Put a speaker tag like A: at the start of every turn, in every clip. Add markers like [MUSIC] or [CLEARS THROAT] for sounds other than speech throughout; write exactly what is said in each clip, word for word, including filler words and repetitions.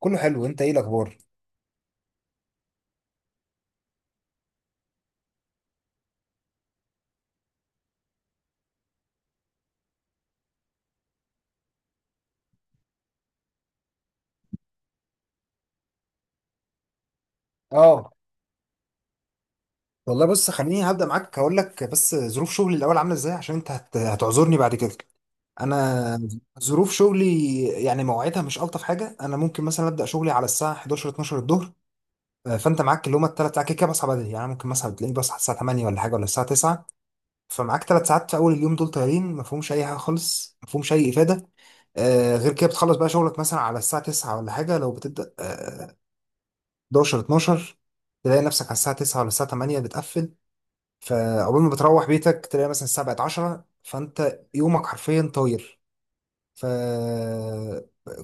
A: كله حلو، انت ايه الاخبار؟ اه والله، بص، خليني هبدا معاك هقول لك بس ظروف شغلي الاول عامله ازاي، عشان انت هت... هتعذرني بعد كده. انا ظروف شغلي يعني مواعيدها مش الطف حاجه. انا ممكن مثلا ابدا شغلي على الساعه حداشر اطناشر الظهر. آه، فانت معاك اللي هم الثلاث ساعات كده كده بصحى بدري، يعني ممكن مثلا تلاقيني بصحى الساعه ثمانية ولا حاجه، ولا الساعه تسعة. فمعاك ثلاث ساعات في اول اليوم دول طايرين، ما فيهمش اي حاجه خالص، ما فيهمش اي افاده. آه غير كده بتخلص بقى شغلك مثلا على الساعة تسعه ولا حاجة، لو بتبدأ آه، احدى عشر اطناشر تلاقي نفسك على الساعة تسعه ولا الساعة تمانيه بتقفل. فأول ما بتروح بيتك تلاقي مثلا الساعة بقت عشره، فأنت يومك حرفيا طاير. ف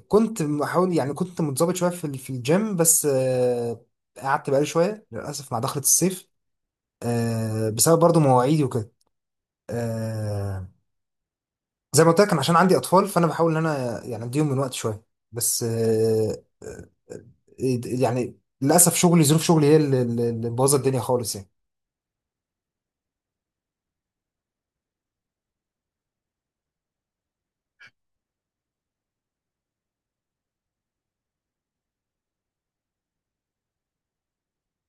A: كنت بحاول، يعني كنت متظبط شوية في في الجيم، بس آه، قعدت بقالي شوية للأسف مع دخلة الصيف، آه، بسبب برضو مواعيدي وكده. آه، زي ما قلت لك كان عشان عندي أطفال، فأنا بحاول إن أنا يعني أديهم من وقت شوية. بس آه، آه، آه، يعني للأسف شغلي، ظروف شغلي هي اللي اللي- اللي مبوظة الدنيا خالص يعني.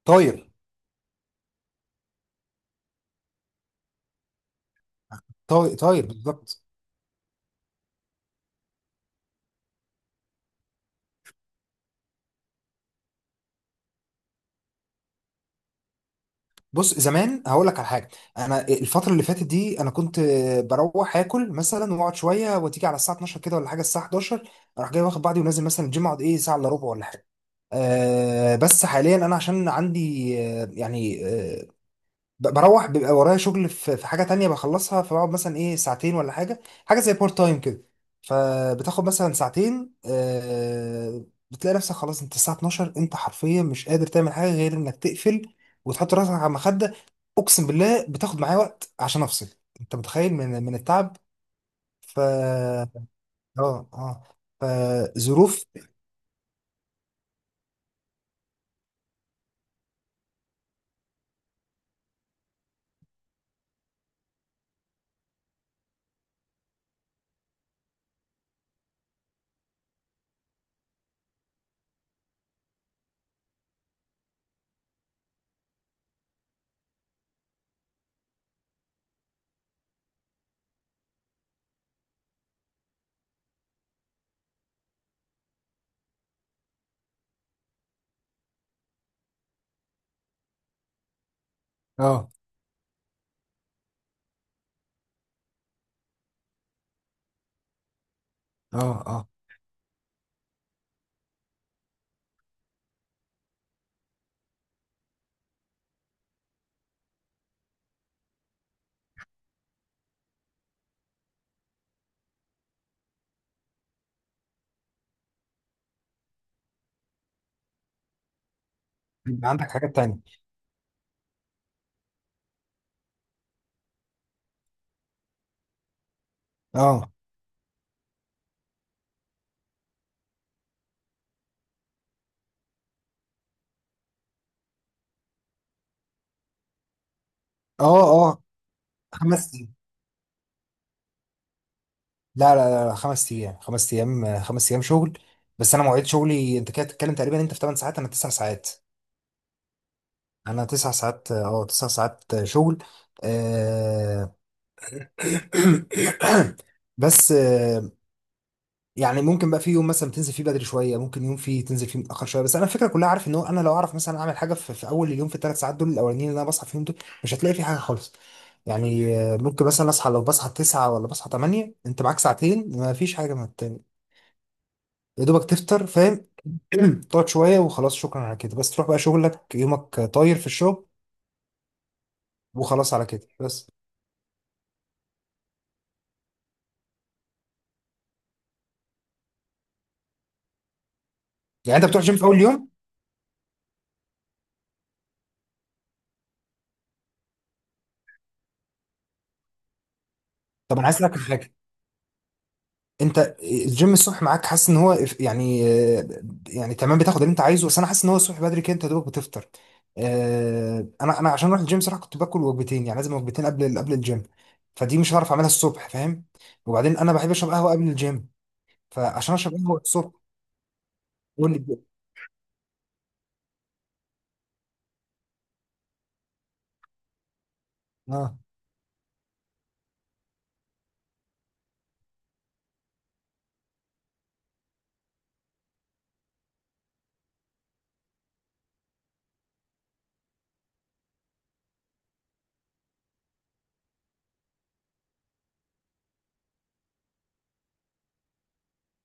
A: طاير طاير طاير بالظبط. بص زمان هقول لك على حاجه. انا الفتره اللي فاتت دي انا كنت بروح اكل مثلا واقعد شويه وتيجي على الساعه اطناشر كده ولا حاجه، الساعه حداشر اروح جاي واخد بعضي ونازل مثلا الجيم، اقعد ايه ساعه الا ربع ولا حاجه. أه، بس حاليا انا عشان عندي آه، يعني ب- بروح بيبقى ورايا شغل في في حاجة تانية بخلصها، فبقعد مثلا ايه ساعتين ولا حاجة، حاجة زي بارت تايم كده. فبتاخد مثلا ساعتين، آه بتلاقي نفسك خلاص، انت الساعة اطناشر انت حرفيا مش قادر تعمل حاجة غير انك تقفل وتحط راسك على المخدة. اقسم بالله بتاخد معايا وقت عشان افصل. انت متخيل من من التعب؟ ف اه، اه، فظروف. اه، اه، اه، بيبقى عندك حاجات تانية. اه، اه، اه، خمس لا لا لا لا، خمس ايام خمس ايام خمس ايام شغل. بس انا مواعيد شغلي، انت كده بتتكلم تقريبا انت في ثماني ساعات انا تسع ساعات. انا تسع ساعات اه تسع ساعات شغل. آه، [CLEARS THROAT] [COUGHS] بس آه، يعني ممكن بقى في يوم مثلا تنزل فيه بدري شويه، ممكن يوم فيه تنزل فيه متاخر شويه. بس انا الفكره كلها، عارف ان هو انا لو اعرف مثلا اعمل حاجه في, في اول اليوم، في الثلاث ساعات دول الاولانيين اللي انا بصحى فيهم دول، مش هتلاقي في حاجه خالص. يعني آه، ممكن مثلا اصحى، لو بصحى تسعه ولا بصحى تمانيه، انت معاك ساعتين، ما فيش حاجه، ما يا دوبك تفطر، فاهم؟ [CLEARS THROAT] تقعد شوية وخلاص، شكرا على كده، بس تروح بقى شغلك يومك طاير في الشغل. وخلاص على كده بس. يعني انت بتروح جيم في اول يوم؟ طب انا عايز اسالك على حاجة. انت الجيم الصبح معاك، حاسس ان هو اف- يعني آه، يعني تمام بتاخد اللي انت عايزه، بس انا حاسس ان هو الصبح بدري كده انت يا دوبك بتفطر. آه، انا انا عشان اروح الجيم صراحة كنت باكل وجبتين، يعني لازم وجبتين قبل قبل الجيم. فدي مش هعرف اعملها الصبح، فاهم؟ وبعدين انا بحب اشرب قهوة قبل الجيم. فعشان اشرب قهوة الصبح. قول لي. اه،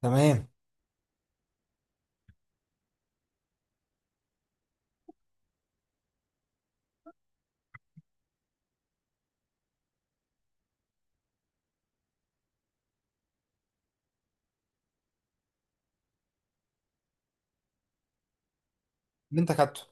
A: تمام. اللي انت كاتبه.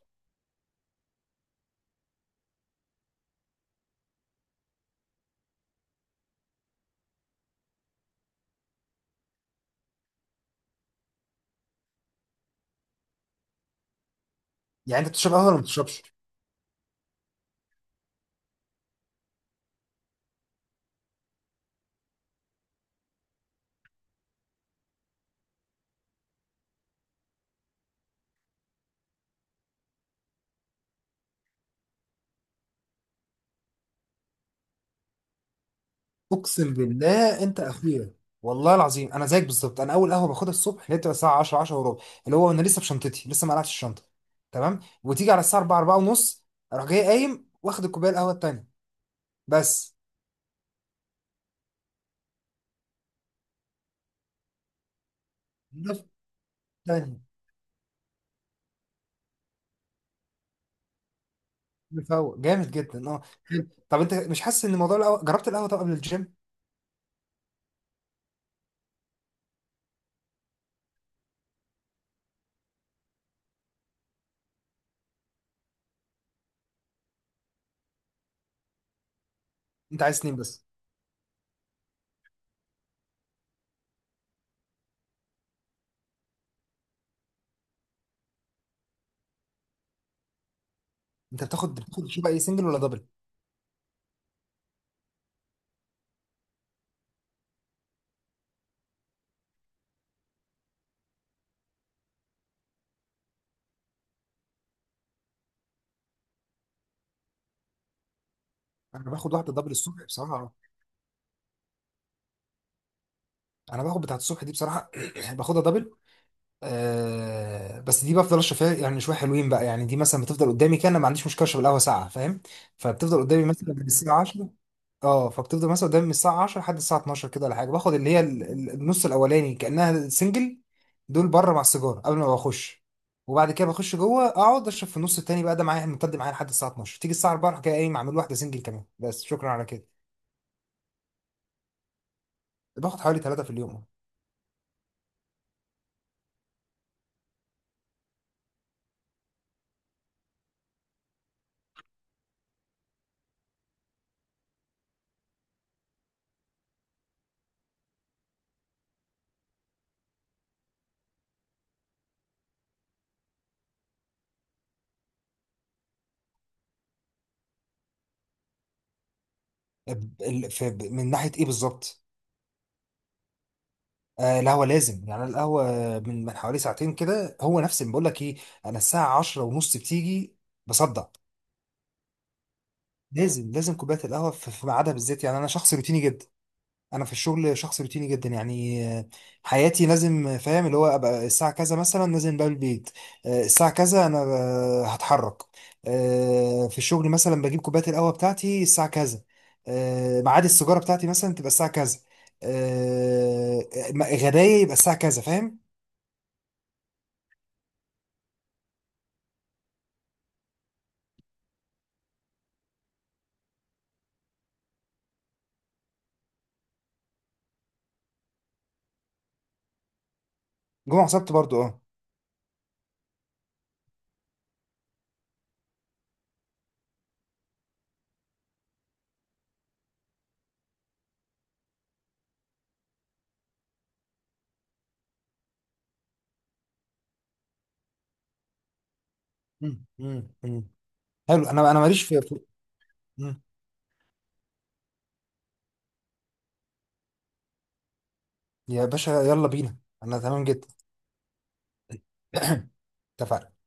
A: يعني انت بتشرب قهوه ولا ما بتشربش؟ اقسم بالله انت اخويا. والله العظيم انا زيك بالظبط. انا اول قهوه باخدها الصبح اللي هي بتبقى الساعه عشره عشره وربع، اللي هو انا لسه بشنطتي، لسه ما قلعتش الشنطه. تمام. وتيجي على الساعه اربعه اربعه ونص اروح جاي قايم واخد الكوبايه القهوه التانيه بس. ده تاني. مفوق جامد جدا، اه، حلو. طب انت مش حاسس ان موضوع القهوه، جربت القهوه طب قبل الجيم؟ انت عايز تنام بس. انت بتاخد بتاخد شو بقى، ايه، سنجل ولا دبل؟ انا باخد واحده دبل الصبح بصراحه، أه. انا باخد بتاعت الصبح دي بصراحه [CLEARS THROAT] باخدها دبل. آه، بس دي بفضل اشرب فيها يعني شويه حلوين بقى. يعني دي مثلا بتفضل قدامي كده، انا ما عنديش مشكله اشرب القهوه ساعه، فاهم؟ فبتفضل قدامي مثلا من الساعه عشره. اه، فبتفضل مثلا قدامي من الساعه عشره لحد الساعه اطناشر كده ولا حاجه. باخد اللي هي ال- ال- النص الاولاني كانها سنجل، دول بره مع السيجاره قبل ما بخش. وبعد كده بخش جوه اقعد اشرب في النص التاني بقى ده معايا، ممتد معايا لحد الساعه اطناشر. تيجي الساعه اربعه اروح جاي قايم اعمل واحده سنجل كمان، بس شكرا على كده. باخد حوالي ثلاثه في اليوم. ب- ال- في- ب- من ناحيه ايه بالظبط؟ آه، القهوة لازم يعني، أنا القهوة من من حوالي ساعتين كده هو نفس اللي بقول لك ايه، انا الساعة عشره ونص بتيجي بصدع. لازم لازم كوباية القهوة في في ميعادها بالذات، يعني انا شخص روتيني جدا. انا في الشغل شخص روتيني جدا، يعني آه، حياتي لازم آه، فاهم اللي هو ابقى الساعة كذا مثلا نازل بقى البيت. آه، الساعة كذا انا آه، هتحرك. آه، في الشغل مثلا بجيب كوباية القهوة بتاعتي الساعة كذا. آه، ميعاد السيجارة بتاعتي مثلا تبقى الساعة كذا. آه، غدايا يبقى الساعة كذا، فاهم؟ جمعة وسبت برضو، اه. مم. مم. مم. حلو. انا انا ماليش في في- مم. يا باشا يلا بينا. انا تمام جدا. [COUGHS] [CLEARS THROAT] اتفقنا.